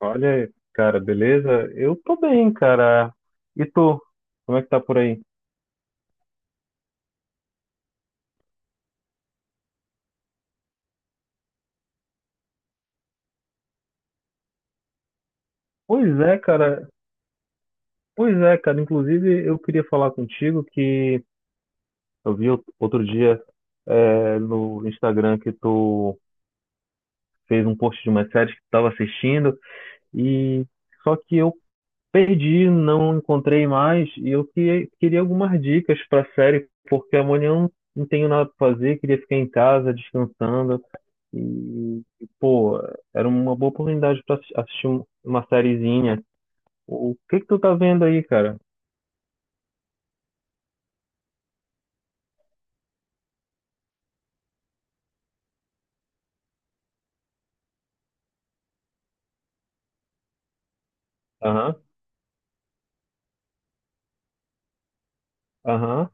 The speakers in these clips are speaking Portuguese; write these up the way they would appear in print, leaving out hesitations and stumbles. Olha aí, cara, beleza? Eu tô bem, cara. E tu? Como é que tá por aí? Pois é, cara. Pois é, cara. Inclusive, eu queria falar contigo que eu vi outro dia no Instagram que tu fez um post de uma série que tu tava assistindo e só que eu Perdi, não encontrei mais e eu queria algumas dicas para a série, porque amanhã eu não tenho nada para fazer, queria ficar em casa descansando e, pô, era uma boa oportunidade para assistir uma sériezinha. O que que tu tá vendo aí, cara? Aham, aham.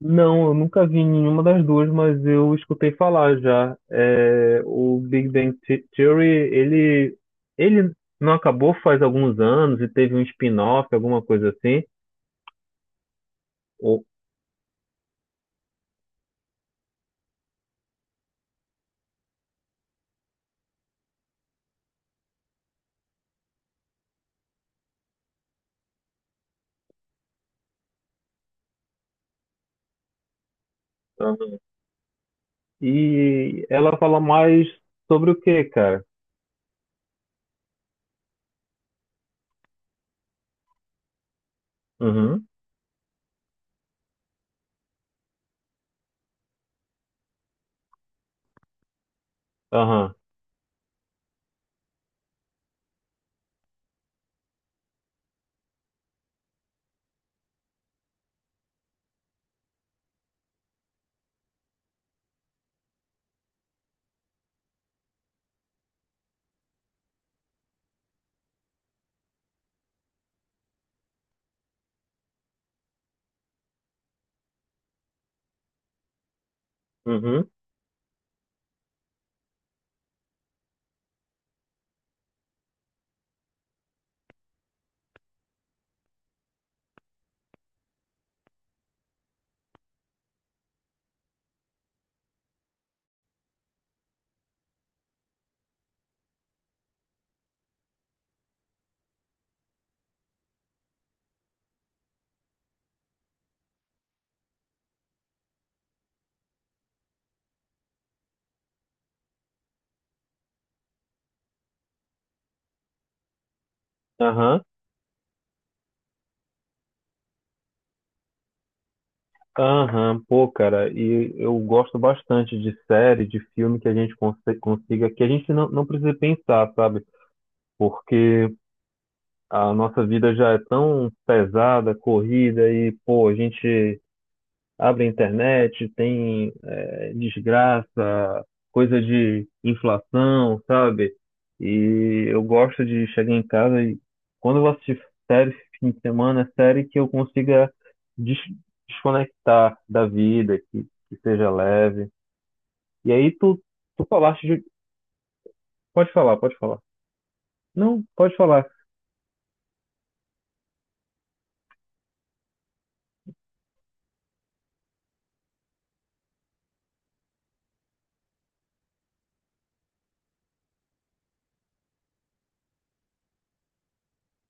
Não, eu nunca vi nenhuma das duas, mas eu escutei falar já. É, o Big Bang Theory, ele não acabou faz alguns anos e teve um spin-off, alguma coisa assim. Aham. E ela fala mais sobre o quê, cara? Uhum. Aham, uhum, aham, aham. Pô, cara, e eu gosto bastante de série, de filme que a gente consiga, que a gente não precisa pensar, sabe? Porque a nossa vida já é tão pesada, corrida, e, pô, a gente abre a internet, tem desgraça, coisa de inflação, sabe? E eu gosto de chegar em casa e quando eu vou assistir série esse fim de semana, é série que eu consiga des- desconectar da vida, que seja leve. E aí tu, tu falaste de... Pode falar, pode falar. Não, pode falar.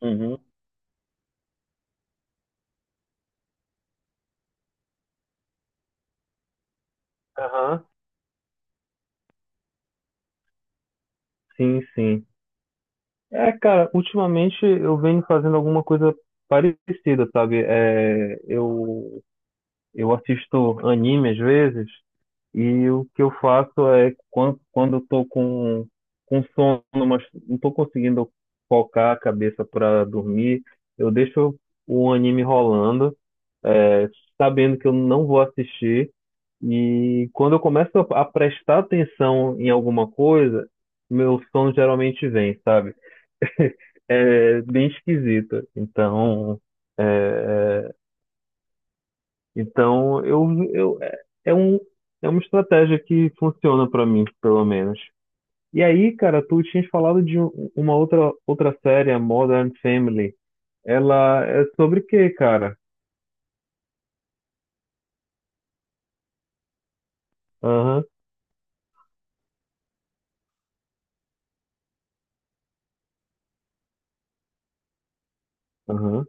Uhum. Aham, sim, sim. É, cara, ultimamente eu venho fazendo alguma coisa parecida, sabe? Eu assisto anime às vezes, e o que eu faço é quando eu tô com sono, mas não tô conseguindo focar a cabeça para dormir, eu deixo o anime rolando, é, sabendo que eu não vou assistir. E quando eu começo a prestar atenção em alguma coisa, meu sono geralmente vem, sabe? É bem esquisito. Então, é, Então, eu, é é um, é uma estratégia que funciona pra mim, pelo menos. E aí, cara, tu tinhas falado de uma outra série, a Modern Family. Ela é sobre o quê, cara? Aham, aham,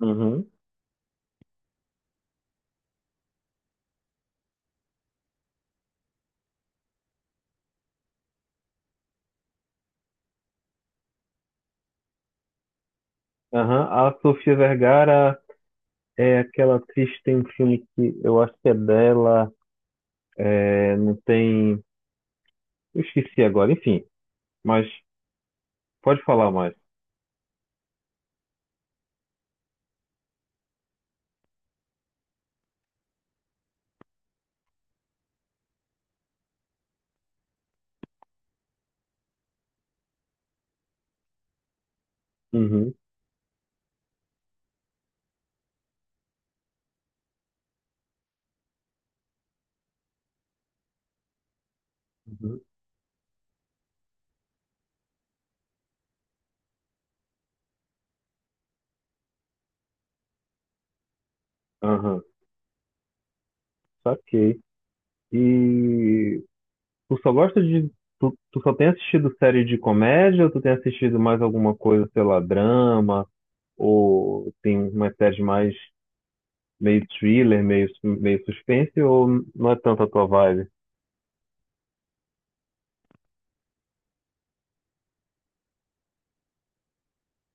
aham, aham. A Sofia Vergara é aquela atriz que tem um filme que eu acho que é dela, é, não tem... Eu esqueci agora, enfim. Mas pode falar mais. Uhum, uhum, aham, saquei. E Tu só gosta de. Tu só tem assistido série de comédia ou tu tem assistido mais alguma coisa, sei lá, drama? Ou tem uma série mais meio thriller, meio suspense? Ou não é tanto a tua vibe?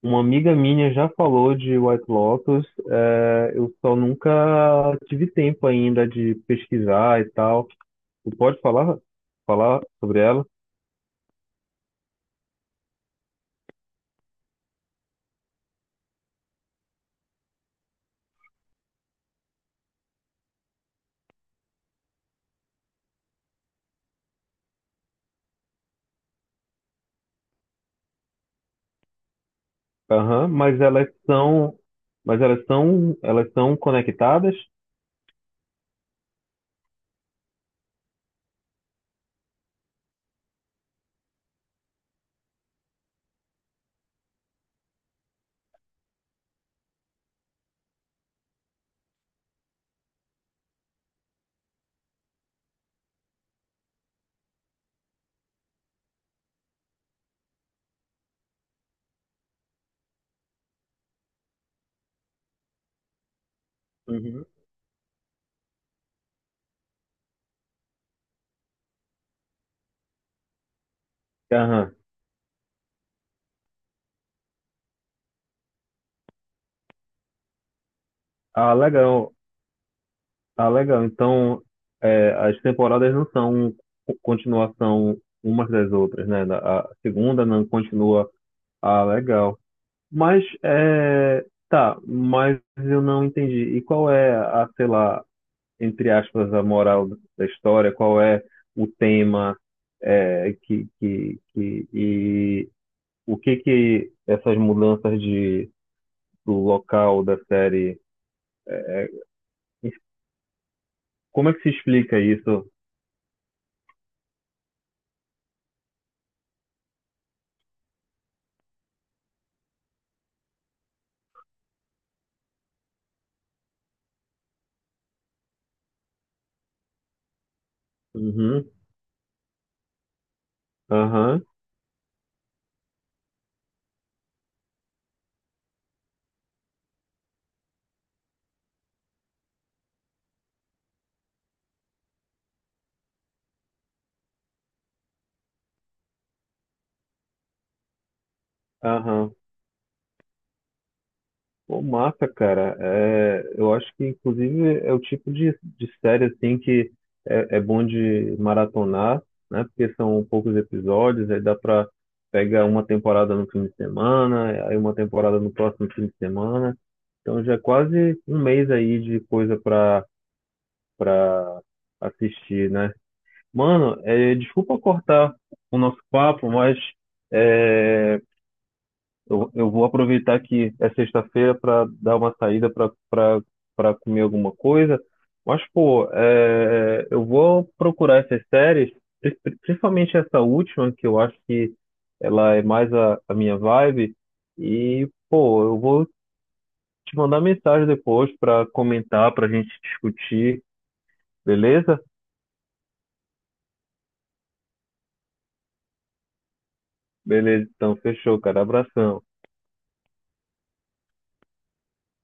Uma amiga minha já falou de White Lotus, é, eu só nunca tive tempo ainda de pesquisar e tal. Tu pode falar sobre ela? Aham, mas elas são conectadas? Uhum. Aham. Ah, legal. Ah, legal. Então, é, as temporadas não são continuação umas das outras, né? A segunda não continua. Ah, legal. Mas, é, tá, mas eu não entendi. E qual é a, sei lá, entre aspas, a moral da história? Qual é o tema é, que, e o que que essas mudanças de, do local da série, como é que se explica isso? Uhum. Aham, aham. Pô, massa, cara. É, eu acho que, inclusive, é o tipo de série, assim, que é, é bom de maratonar, né? Porque são poucos episódios, aí dá pra pegar uma temporada no fim de semana, aí uma temporada no próximo fim de semana. Então já é quase um mês aí de coisa pra assistir, né? Mano, é, desculpa cortar o nosso papo, mas... é, Eu vou aproveitar que é sexta-feira para dar uma saída para comer alguma coisa. Mas, pô, é, eu vou procurar essas séries, principalmente essa última, que eu acho que ela é mais a minha vibe. E, pô, eu vou te mandar mensagem depois para comentar, para a gente discutir, beleza? Beleza, então fechou, cara. Abração.